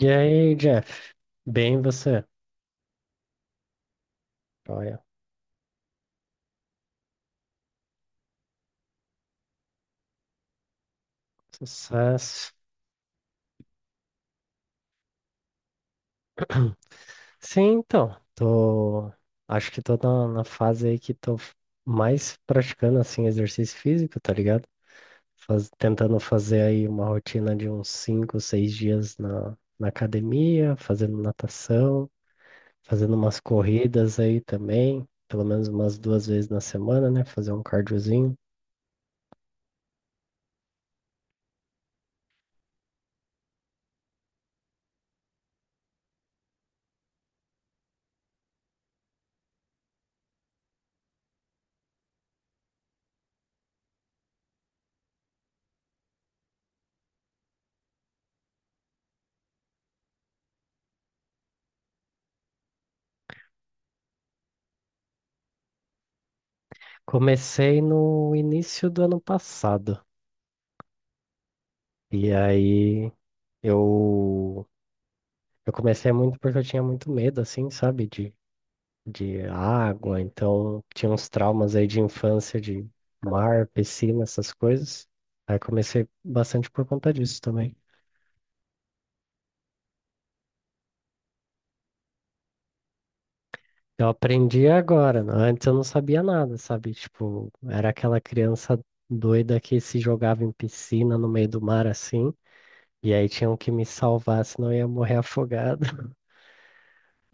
E aí, Jeff? Bem, você? Olha, sucesso. Sim, então, tô. Acho que tô na fase aí que mais praticando, assim, exercício físico, tá ligado? Tentando fazer aí uma rotina de uns 5, 6 dias na academia, fazendo natação, fazendo umas corridas aí também, pelo menos umas 2 vezes na semana, né? Fazer um cardiozinho. Comecei no início do ano passado. E aí. Eu, eu comecei muito porque eu tinha muito medo, assim, sabe, de água. Então, tinha uns traumas aí de infância, de mar, piscina, essas coisas. Aí, comecei bastante por conta disso também. Eu aprendi agora, né? Antes eu não sabia nada, sabe? Tipo, era aquela criança doida que se jogava em piscina no meio do mar assim, e aí tinham que me salvar, senão eu ia morrer afogado.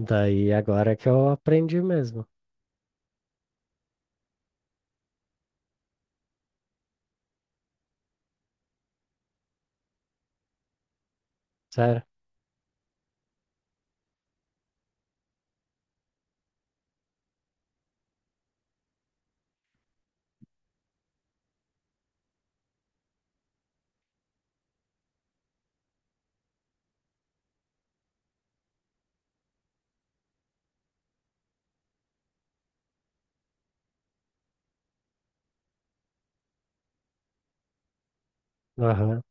Daí agora que eu aprendi mesmo, sério. Aham.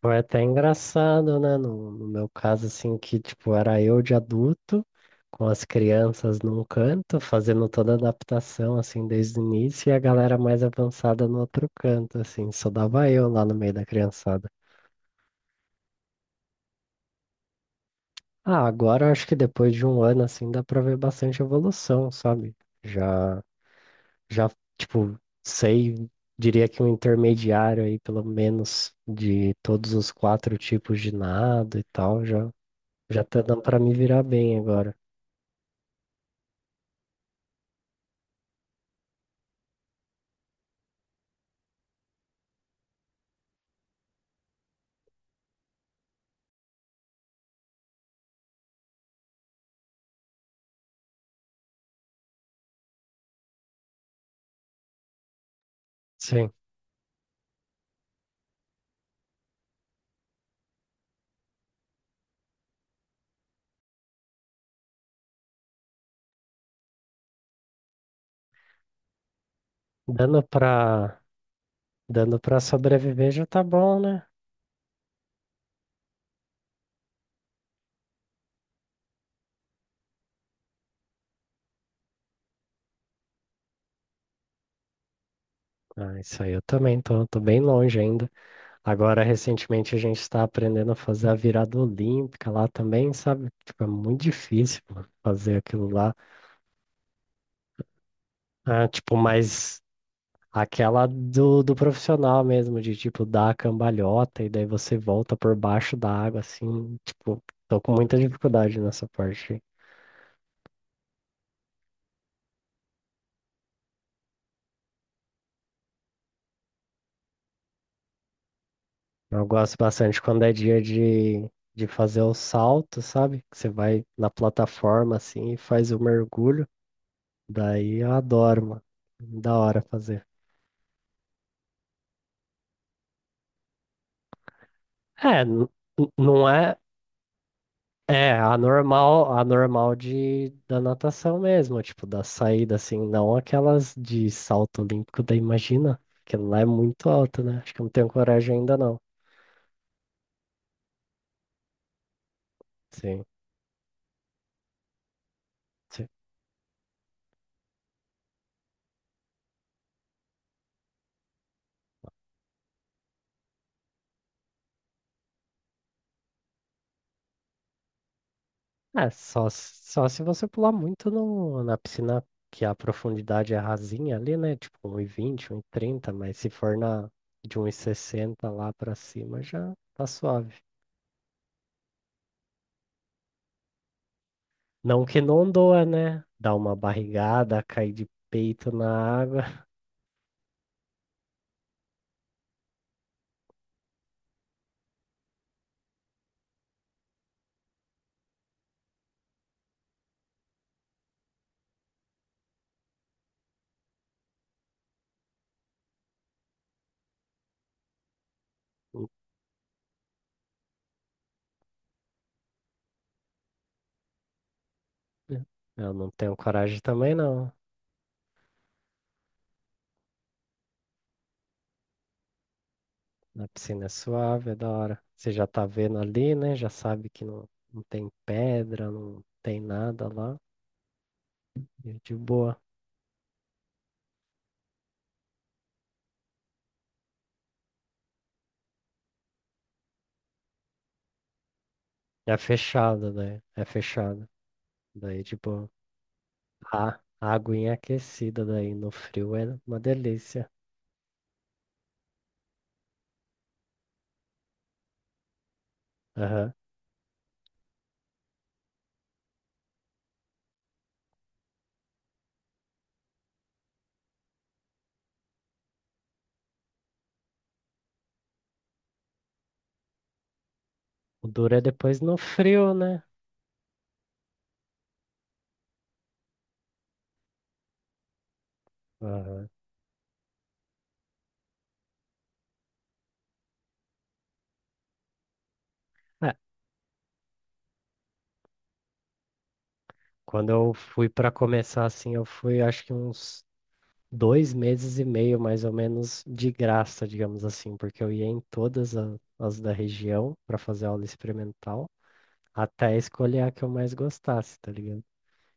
Foi até engraçado, né? No meu caso, assim, que, tipo, era eu de adulto, com as crianças num canto, fazendo toda a adaptação, assim, desde o início, e a galera mais avançada no outro canto, assim, só dava eu lá no meio da criançada. Ah, agora eu acho que depois de um ano, assim, dá pra ver bastante evolução, sabe? Já, já, tipo, sei, Diria que um intermediário aí, pelo menos, de todos os 4 tipos de nado e tal, já. Já tá dando pra me virar bem agora. Sim. Dando pra, Dando pra sobreviver já tá bom, né? Ah, isso aí eu também tô bem longe ainda. Agora, recentemente, a gente está aprendendo a fazer a virada olímpica lá também, sabe? Tipo, é muito difícil, mano, fazer aquilo lá. Ah, tipo, mas aquela do profissional mesmo, de tipo, dar a cambalhota e daí você volta por baixo da água, assim. Tipo, tô com muita dificuldade nessa parte. Eu gosto bastante quando é dia de fazer o salto, sabe? Que você vai na plataforma assim e faz o mergulho. Daí eu adoro, mano. Da hora fazer. É, n- não é. É, a normal da natação mesmo, tipo, da saída, assim, não aquelas de salto olímpico, daí imagina, que lá é muito alto, né? Acho que eu não tenho coragem ainda não. Sim. Só se você pular muito no, na piscina que a profundidade é rasinha ali, né? Tipo um e vinte, 1,30, mas se for na de 1,60 lá pra cima já tá suave. Não que não doa, né? Dar uma barrigada, cair de peito na água. Eu não tenho coragem também, não. Na piscina é suave, é da hora. Você já tá vendo ali, né? Já sabe que não, não tem pedra, não tem nada lá. E é de boa. É fechada, daí. É fechada. Daí, tipo, a, a aguinha é aquecida daí no frio é uma delícia. Aham. O duro é depois no frio, né? Aham. É, quando eu fui pra começar assim, eu fui acho que uns 2 meses e meio, mais ou menos, de graça, digamos assim, porque eu ia em todas as da região pra fazer aula experimental, até escolher a que eu mais gostasse, tá ligado?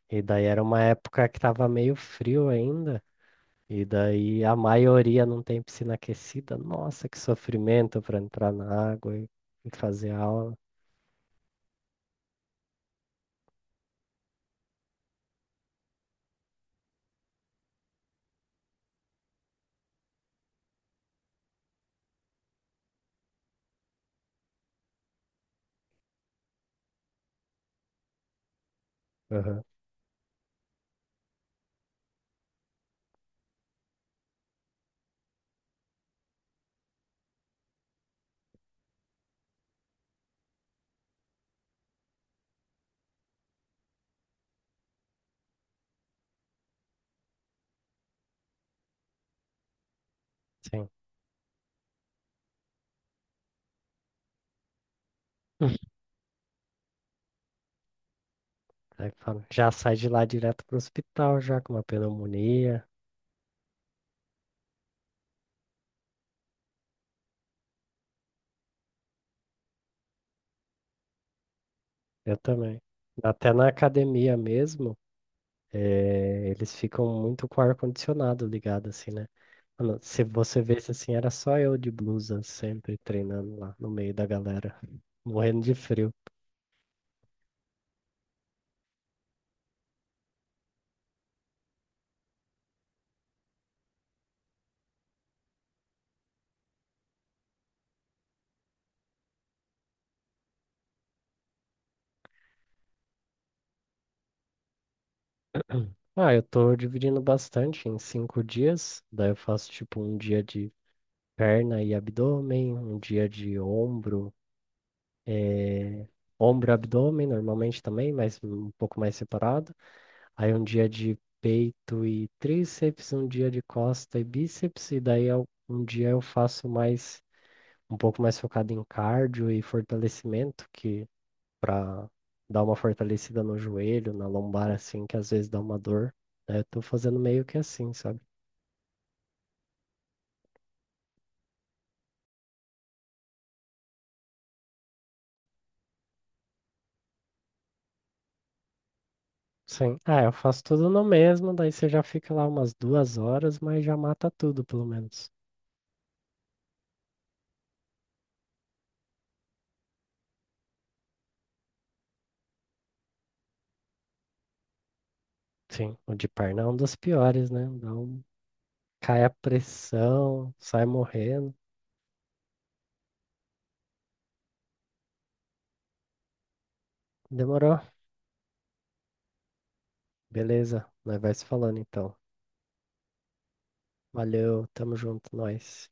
E daí era uma época que tava meio frio ainda. E daí a maioria não tem piscina aquecida. Nossa, que sofrimento para entrar na água e fazer aula. Aham, sim. Aí fala, já sai de lá direto pro hospital, já com uma pneumonia. Eu também. Até na academia mesmo, eles ficam muito com o ar-condicionado ligado, assim, né? Mano, se você vesse assim, era só eu de blusa sempre treinando lá no meio da galera, morrendo de frio. Ah, eu tô dividindo bastante em 5 dias. Daí eu faço tipo um dia de perna e abdômen, um dia de ombro, eh, ombro e abdômen normalmente também, mas um pouco mais separado. Aí um dia de peito e tríceps, um dia de costa e bíceps, e um dia eu faço mais um pouco mais focado em cardio e fortalecimento, que para dar uma fortalecida no joelho, na lombar assim, que às vezes dá uma dor, né? Eu tô fazendo meio que assim, sabe? Sim. Ah, eu faço tudo no mesmo, daí você já fica lá umas 2 horas, mas já mata tudo, pelo menos. Sim, o de perna é um dos piores, né? Dá um... Cai a pressão, sai morrendo. Demorou? Beleza, nós vai se falando então. Valeu, tamo junto, nós.